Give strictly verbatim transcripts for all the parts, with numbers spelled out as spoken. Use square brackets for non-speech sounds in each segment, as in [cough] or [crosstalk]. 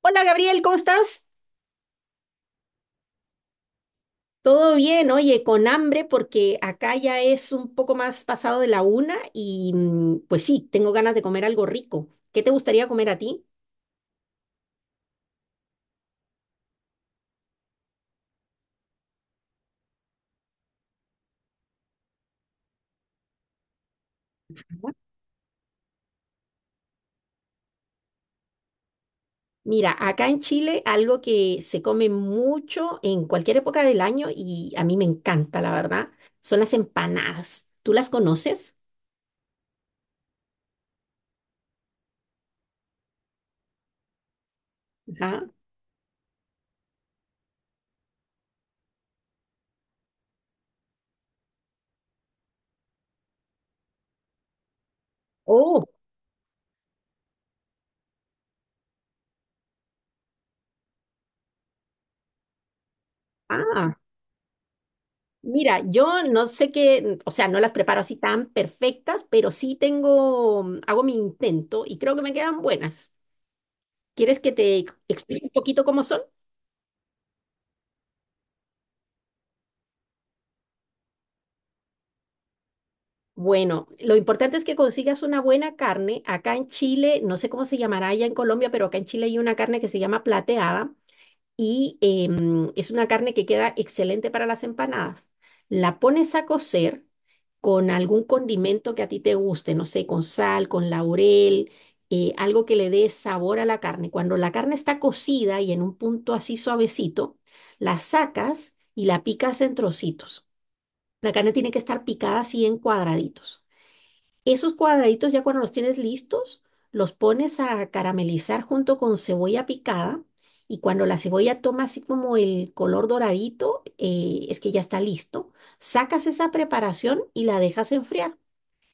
Hola Gabriel, ¿cómo estás? Todo bien, oye, con hambre porque acá ya es un poco más pasado de la una y mm, pues sí, tengo ganas de comer algo rico. ¿Qué te gustaría comer a ti? Mira, acá en Chile algo que se come mucho en cualquier época del año y a mí me encanta, la verdad, son las empanadas. ¿Tú las conoces? Ajá. Oh, ah. Mira, yo no sé qué, o sea, no las preparo así tan perfectas, pero sí tengo, mm, hago mi intento y creo que me quedan buenas. ¿Quieres que te ex- explique un poquito cómo son? Bueno, lo importante es que consigas una buena carne. Acá en Chile, no sé cómo se llamará allá en Colombia, pero acá en Chile hay una carne que se llama plateada. Y em, es una carne que queda excelente para las empanadas. La pones a cocer con algún condimento que a ti te guste, no sé, con sal, con laurel, eh, algo que le dé sabor a la carne. Cuando la carne está cocida y en un punto así suavecito, la sacas y la picas en trocitos. La carne tiene que estar picada así en cuadraditos. Esos cuadraditos ya cuando los tienes listos, los pones a caramelizar junto con cebolla picada y cuando la cebolla toma así como el color doradito, eh, es que ya está listo. Sacas esa preparación y la dejas enfriar.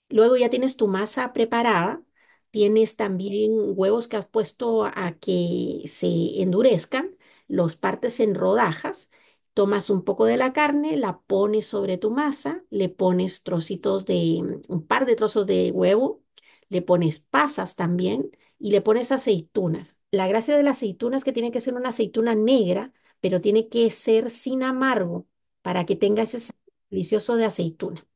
Luego ya tienes tu masa preparada, tienes también huevos que has puesto a que se endurezcan, los partes en rodajas, tomas un poco de la carne, la pones sobre tu masa, le pones trocitos de, un par de trozos de huevo, le pones pasas también y le pones aceitunas. La gracia de las aceitunas es que tiene que ser una aceituna negra, pero tiene que ser sin amargo para que tenga ese sabor delicioso de aceituna.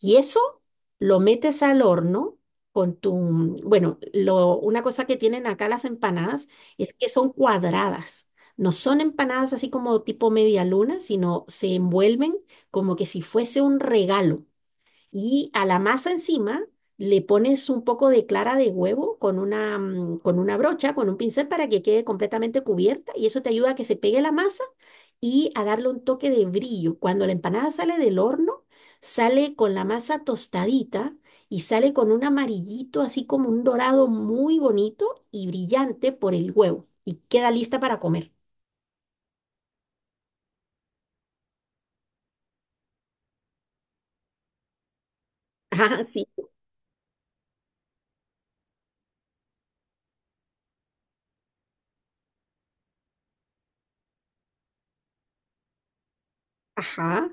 Y eso lo metes al horno con tu, bueno, lo, una cosa que tienen acá las empanadas es que son cuadradas. No son empanadas así como tipo media luna, sino se envuelven como que si fuese un regalo y a la masa encima le pones un poco de clara de huevo con una, mm, con una brocha, con un pincel para que quede completamente cubierta y eso te ayuda a que se pegue la masa y a darle un toque de brillo. Cuando la empanada sale del horno, sale con la masa tostadita y sale con un amarillito así como un dorado muy bonito y brillante por el huevo y queda lista para comer. [laughs] Ajá, sí. Ajá.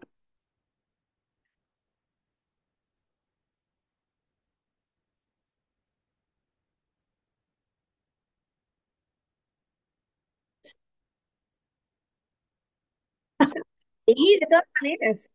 Sí, de todas maneras.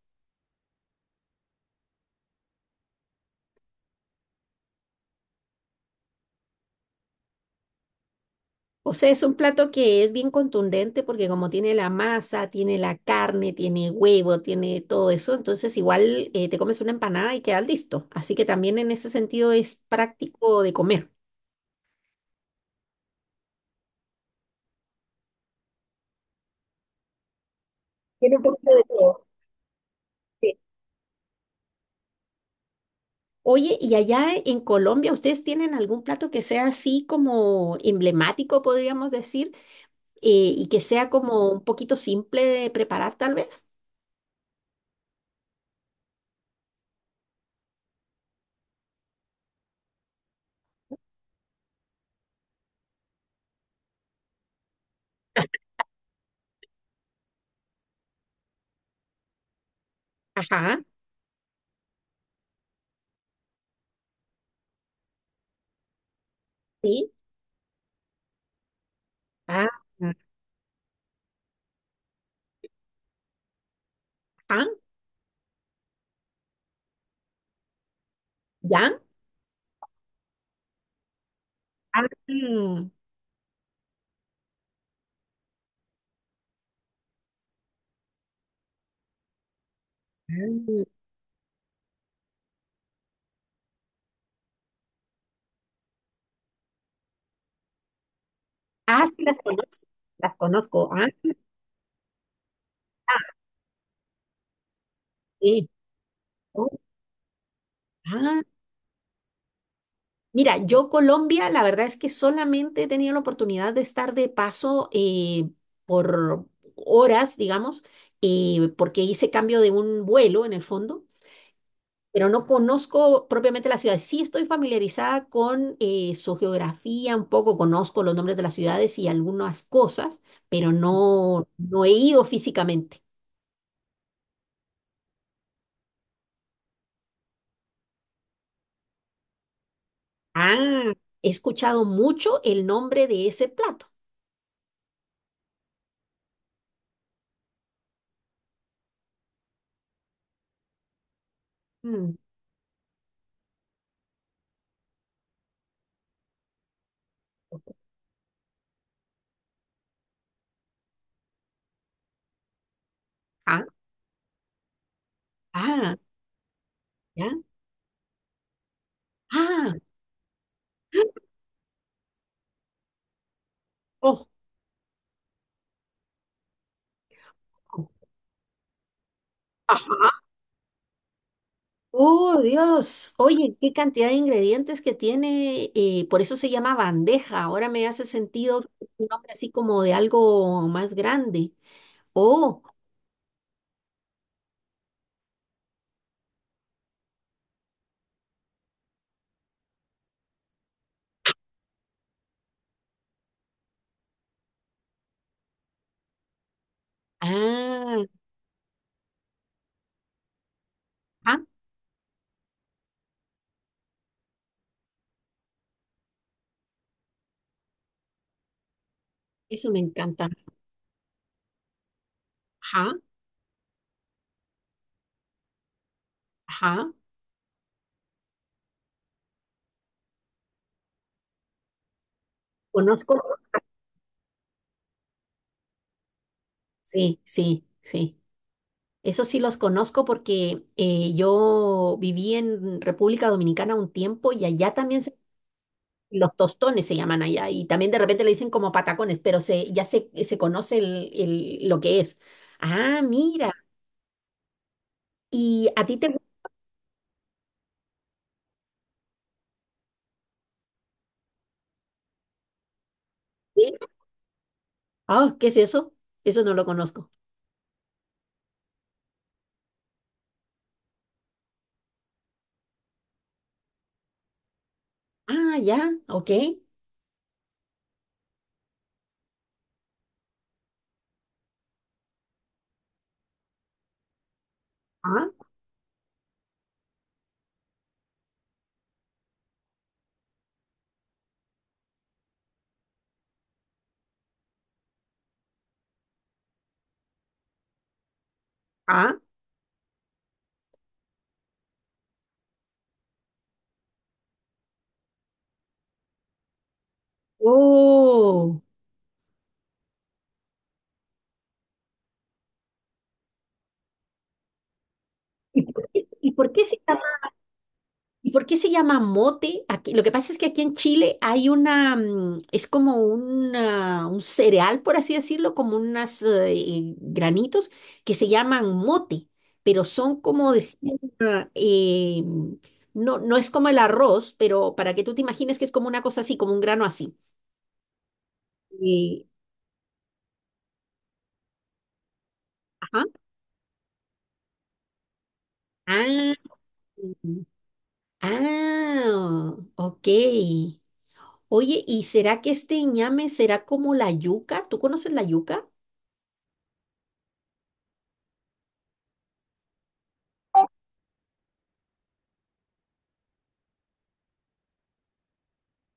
O sea, es un plato que es bien contundente porque como tiene la masa, tiene la carne, tiene huevo, tiene todo eso, entonces igual eh, te comes una empanada y quedas listo. Así que también en ese sentido es práctico de comer. Sí. Oye, ¿y allá en Colombia ustedes tienen algún plato que sea así como emblemático, podríamos decir, eh, y que sea como un poquito simple de preparar tal vez? Ajá, sí. Ah, ajá, ya. Ah, mm, ah, sí, las conozco. Las conozco. Ah, sí. Oh, ah. Mira, yo Colombia, la verdad es que solamente he tenido la oportunidad de estar de paso eh, por horas, digamos, eh, porque hice cambio de un vuelo en el fondo, pero no conozco propiamente la ciudad. Sí estoy familiarizada con eh, su geografía un poco, conozco los nombres de las ciudades y algunas cosas, pero no, no he ido físicamente. Ah, he escuchado mucho el nombre de ese plato. Mm. Ah, ah, ya. Ah, oh, oh, ajá. Oh, Dios. Oye, qué cantidad de ingredientes que tiene. Eh, por eso se llama bandeja. Ahora me hace sentido que es un nombre así como de algo más grande. Oh, ah, ah, eso me encanta. Ajá, ajá. Conozco. Sí, sí, sí. Eso sí los conozco porque eh, yo viví en República Dominicana un tiempo y allá también los tostones se llaman allá y también de repente le dicen como patacones, pero se, ya se, se conoce el, el- lo que es. Ah, mira. ¿Y a ti te gusta? Ah, ¿qué es eso? Eso no lo conozco. Ah, ya, ok. Ah, ah, oh. ¿Y por qué, y por qué se llama? ¿Y por qué se llama mote? Aquí, lo que pasa es que aquí en Chile hay una, mm, es como una- un cereal, por así decirlo, como unos granitos que se llaman mote, pero son como decir, ah, eh, no, no es como el arroz, pero para que tú te imagines que es como una cosa así, como un grano así. Eh, ajá. Ah, mm, ah, ok. Oye, ¿y será que este ñame será como la yuca? ¿Tú conoces la yuca?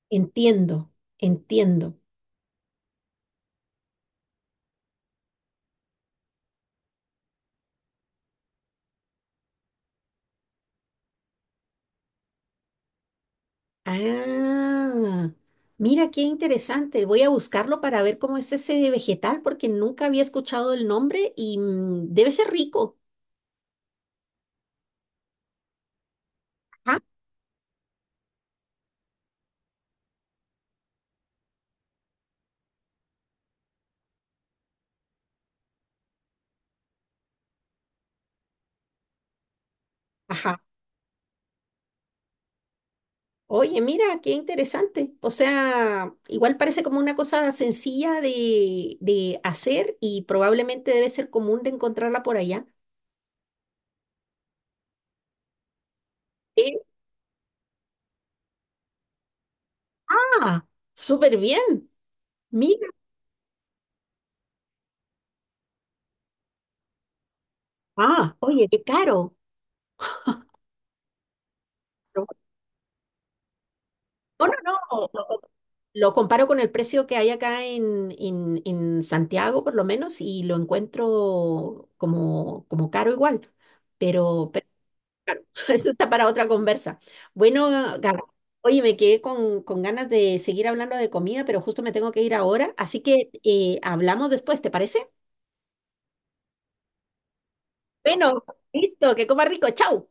Entiendo, entiendo. Ah, mira qué interesante. Voy a buscarlo para ver cómo es ese vegetal porque nunca había escuchado el nombre y mm, debe ser rico. Ajá, ajá. Oye, mira, qué interesante. O sea, igual parece como una cosa sencilla de, de hacer y probablemente debe ser común de encontrarla por allá. Eh, Ah, súper bien. Mira. Ah, oye, qué caro. No, no, no. Lo comparo con el precio que hay acá en, en- en Santiago, por lo menos, y lo encuentro como, como caro igual. Pero, pero [laughs] eso está para otra conversa. Bueno, Gaby, oye, me quedé con, con ganas de seguir hablando de comida, pero justo me tengo que ir ahora, así que eh, hablamos después, ¿te parece? Bueno, listo, que coma rico, chao.